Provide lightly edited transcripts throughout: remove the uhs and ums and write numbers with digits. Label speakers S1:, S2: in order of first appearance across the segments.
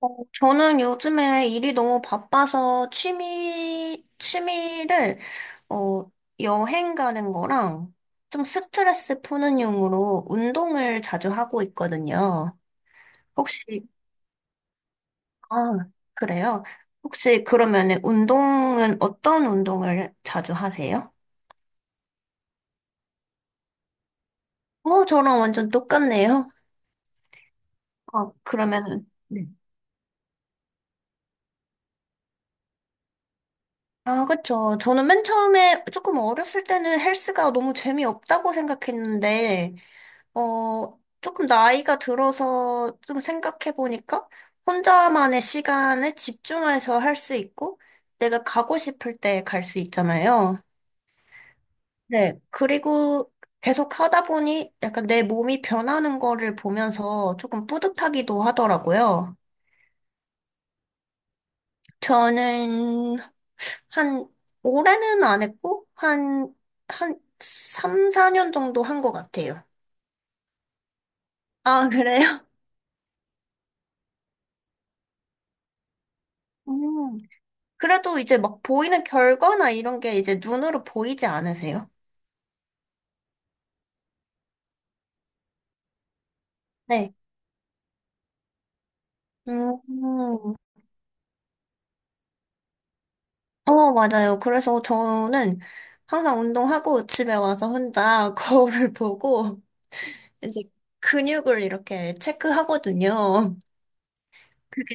S1: 저는 요즘에 일이 너무 바빠서 어, 여행 가는 거랑 좀 스트레스 푸는 용으로 운동을 자주 하고 있거든요. 혹시, 아, 그래요? 혹시 그러면은 운동은 어떤 운동을 자주 하세요? 저랑 완전 똑같네요. 아, 그러면은. 네. 아, 그쵸. 저는 맨 처음에 조금 어렸을 때는 헬스가 너무 재미없다고 생각했는데, 조금 나이가 들어서 좀 생각해보니까 혼자만의 시간에 집중해서 할 수 있고 내가 가고 싶을 때 갈 수 있잖아요. 네. 그리고 계속 하다 보니 약간 내 몸이 변하는 거를 보면서 조금 뿌듯하기도 하더라고요. 저는 한 올해는 안 했고 한 3, 4년 정도 한 것 같아요. 아, 그래요? 음. 그래도 이제 막 보이는 결과나 이런 게 이제 눈으로 보이지 않으세요? 네. 음, 맞아요. 그래서 저는 항상 운동하고 집에 와서 혼자 거울을 보고 이제 근육을 이렇게 체크하거든요. 그게,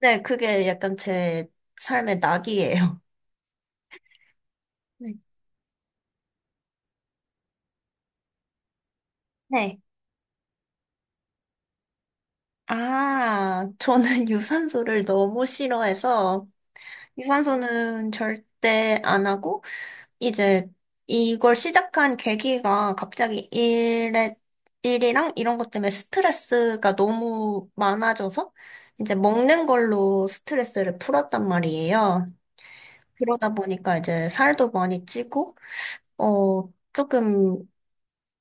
S1: 네, 그게 약간 제 삶의 낙이에요. 네. 네. 아, 저는 유산소를 너무 싫어해서 유산소는 절대 안 하고 이제 이걸 시작한 계기가 갑자기 일이랑 이런 것 때문에 스트레스가 너무 많아져서 이제 먹는 걸로 스트레스를 풀었단 말이에요. 그러다 보니까 이제 살도 많이 찌고, 조금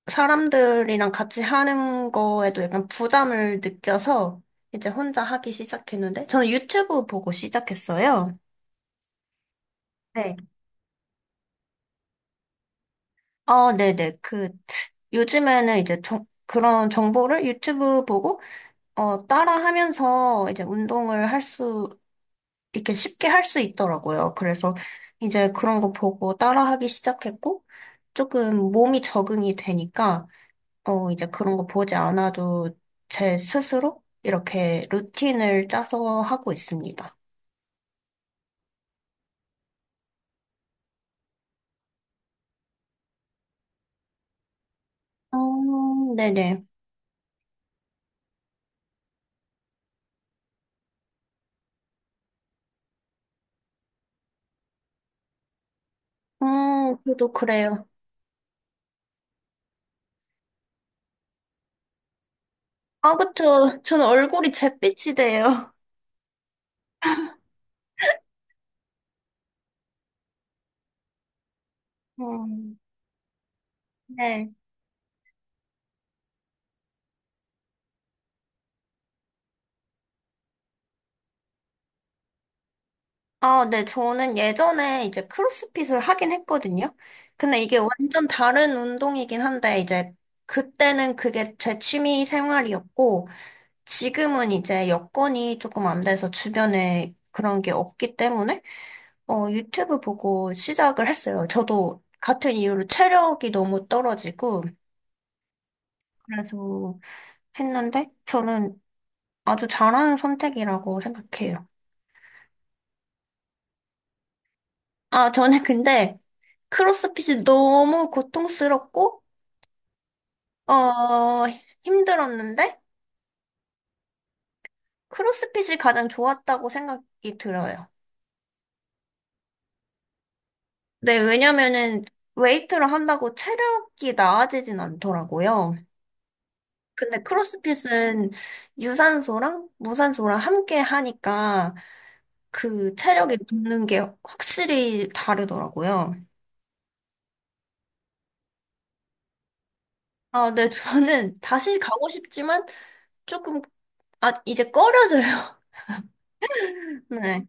S1: 사람들이랑 같이 하는 거에도 약간 부담을 느껴서 이제 혼자 하기 시작했는데, 저는 유튜브 보고 시작했어요. 네. 네네. 그 요즘에는 이제 그런 정보를 유튜브 보고 따라하면서 이제 운동을 이렇게 쉽게 할 수 있더라고요. 그래서 이제 그런 거 보고 따라하기 시작했고 조금 몸이 적응이 되니까 이제 그런 거 보지 않아도 제 스스로 이렇게 루틴을 짜서 하고 있습니다. 네네. 저도 그래요. 아, 그쵸. 저는 얼굴이 잿빛이 돼요. 음, 네. 아, 네, 저는 예전에 이제 크로스핏을 하긴 했거든요. 근데 이게 완전 다른 운동이긴 한데, 이제 그때는 그게 제 취미 생활이었고, 지금은 이제 여건이 조금 안 돼서 주변에 그런 게 없기 때문에, 유튜브 보고 시작을 했어요. 저도 같은 이유로 체력이 너무 떨어지고, 그래서 했는데, 저는 아주 잘하는 선택이라고 생각해요. 아, 저는 근데 크로스핏이 너무 고통스럽고, 어, 힘들었는데? 크로스핏이 가장 좋았다고 생각이 들어요. 네, 왜냐면은 웨이트를 한다고 체력이 나아지진 않더라고요. 근데 크로스핏은 유산소랑 무산소랑 함께 하니까 그 체력이 붙는 게 확실히 다르더라고요. 아, 네, 저는 다시 가고 싶지만 조금, 아, 이제 꺼려져요. 네.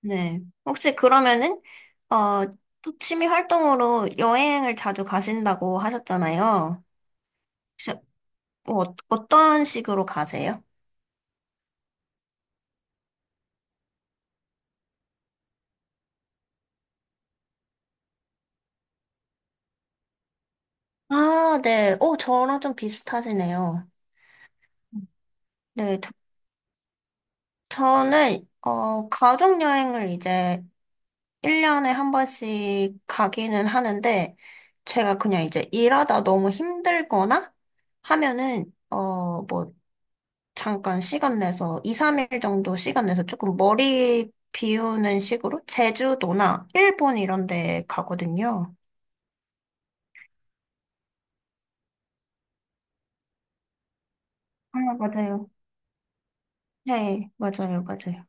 S1: 네. 혹시 그러면은, 어, 또 취미 활동으로 여행을 자주 가신다고 하셨잖아요. 혹시 뭐 어떤 식으로 가세요? 아, 네. 오, 저랑 좀 비슷하시네요. 네. 저는, 가족여행을 이제 1년에 한 번씩 가기는 하는데, 제가 그냥 이제 일하다 너무 힘들거나 하면은, 뭐, 잠깐 시간 내서 2, 3일 정도 시간 내서 조금 머리 비우는 식으로 제주도나 일본 이런 데 가거든요. 아, 맞아요. 네, 맞아요, 맞아요.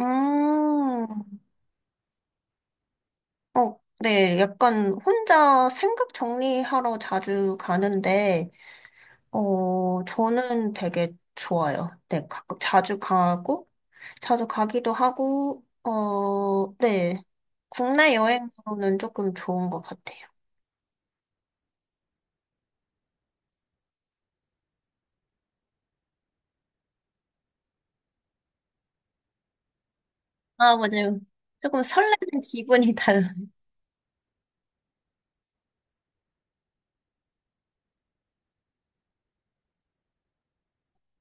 S1: 음, 네, 약간 혼자 생각 정리하러 자주 가는데, 저는 되게 좋아요. 네, 가끔 자주 가고, 자주 가기도 하고, 네, 국내 여행으로는 조금 좋은 것 같아요. 아, 맞아요. 조금 설레는 기분이 달라요.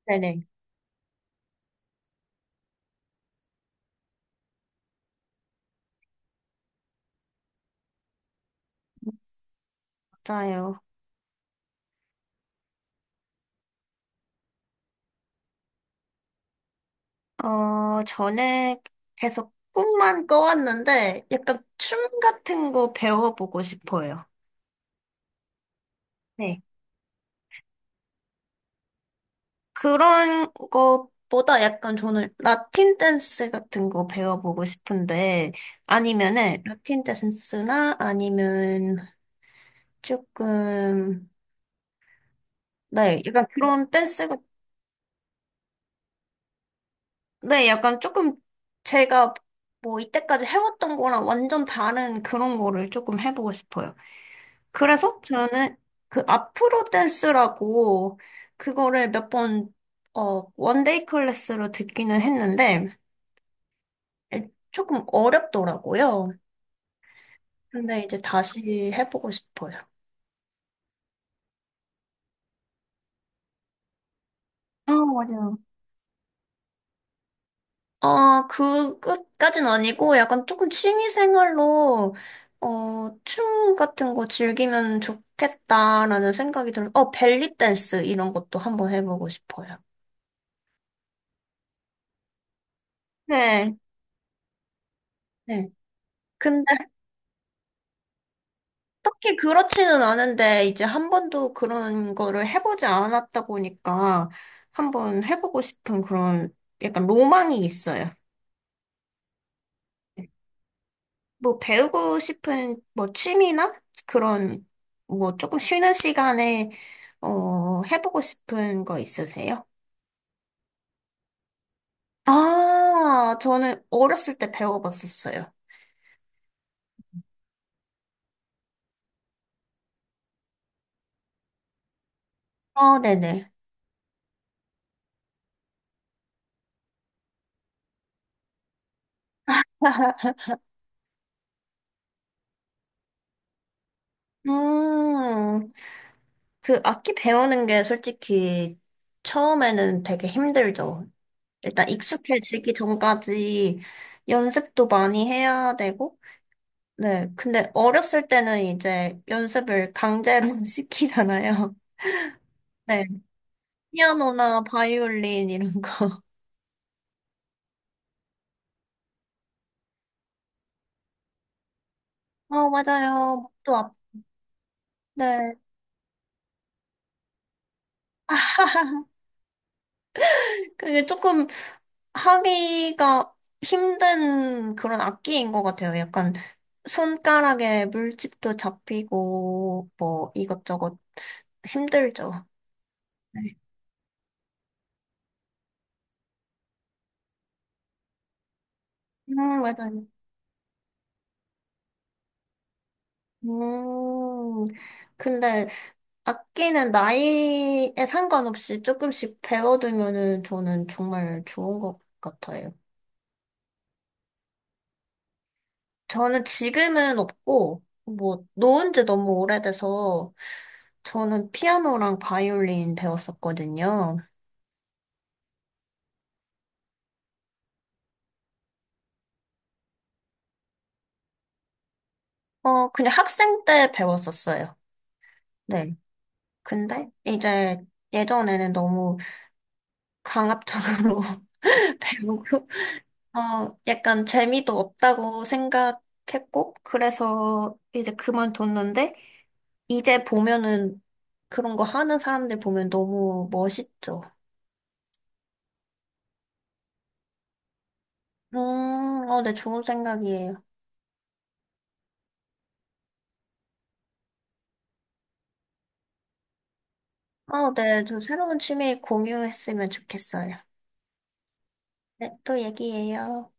S1: 네네, 맞아요. 전에 계속 꿈만 꿔왔는데, 약간 춤 같은 거 배워보고 싶어요. 네. 그런 것보다 약간 저는 라틴 댄스 같은 거 배워보고 싶은데, 아니면은, 라틴 댄스나 아니면 조금, 네, 약간 그런 댄스 네, 약간 조금 제가 뭐 이때까지 해왔던 거랑 완전 다른 그런 거를 조금 해보고 싶어요. 그래서 저는 그 아프로 댄스라고 그거를 몇 번, 원데이 클래스로 듣기는 했는데 조금 어렵더라고요. 근데 이제 다시 해보고 싶어요. 아, 맞아요. 아, 그, 끝까진 아니고, 약간 조금 취미 생활로, 춤 같은 거 즐기면 좋겠다라는 생각이 들어. 벨리 댄스 이런 것도 한번 해보고 싶어요. 네. 네. 근데 딱히 그렇지는 않은데, 이제 한 번도 그런 거를 해보지 않았다 보니까, 한번 해보고 싶은 그런 약간 로망이 있어요. 뭐 배우고 싶은 뭐 취미나 그런 뭐 조금 쉬는 시간에 해보고 싶은 거 있으세요? 아, 저는 어렸을 때 배워봤었어요. 아, 네네. 음, 그 악기 배우는 게 솔직히 처음에는 되게 힘들죠. 일단 익숙해지기 전까지 연습도 많이 해야 되고, 네. 근데 어렸을 때는 이제 연습을 강제로 시키잖아요. 네 피아노나 바이올린 이런 거. 맞아요. 목도 아프 네. 그게 조금 하기가 힘든 그런 악기인 것 같아요. 약간 손가락에 물집도 잡히고 뭐 이것저것 힘들죠. 네. 맞아요. 음, 근데 악기는 나이에 상관없이 조금씩 배워두면은 저는 정말 좋은 것 같아요. 저는 지금은 없고, 뭐, 놓은 지 너무 오래돼서, 저는 피아노랑 바이올린 배웠었거든요. 그냥 학생 때 배웠었어요. 네. 근데 이제 예전에는 너무 강압적으로 배우고, 약간 재미도 없다고 생각했고, 그래서 이제 그만뒀는데, 이제 보면은 그런 거 하는 사람들 보면 너무 멋있죠. 음, 네, 좋은 생각이에요. 네, 저 새로운 취미 공유했으면 좋겠어요. 네, 또 얘기해요.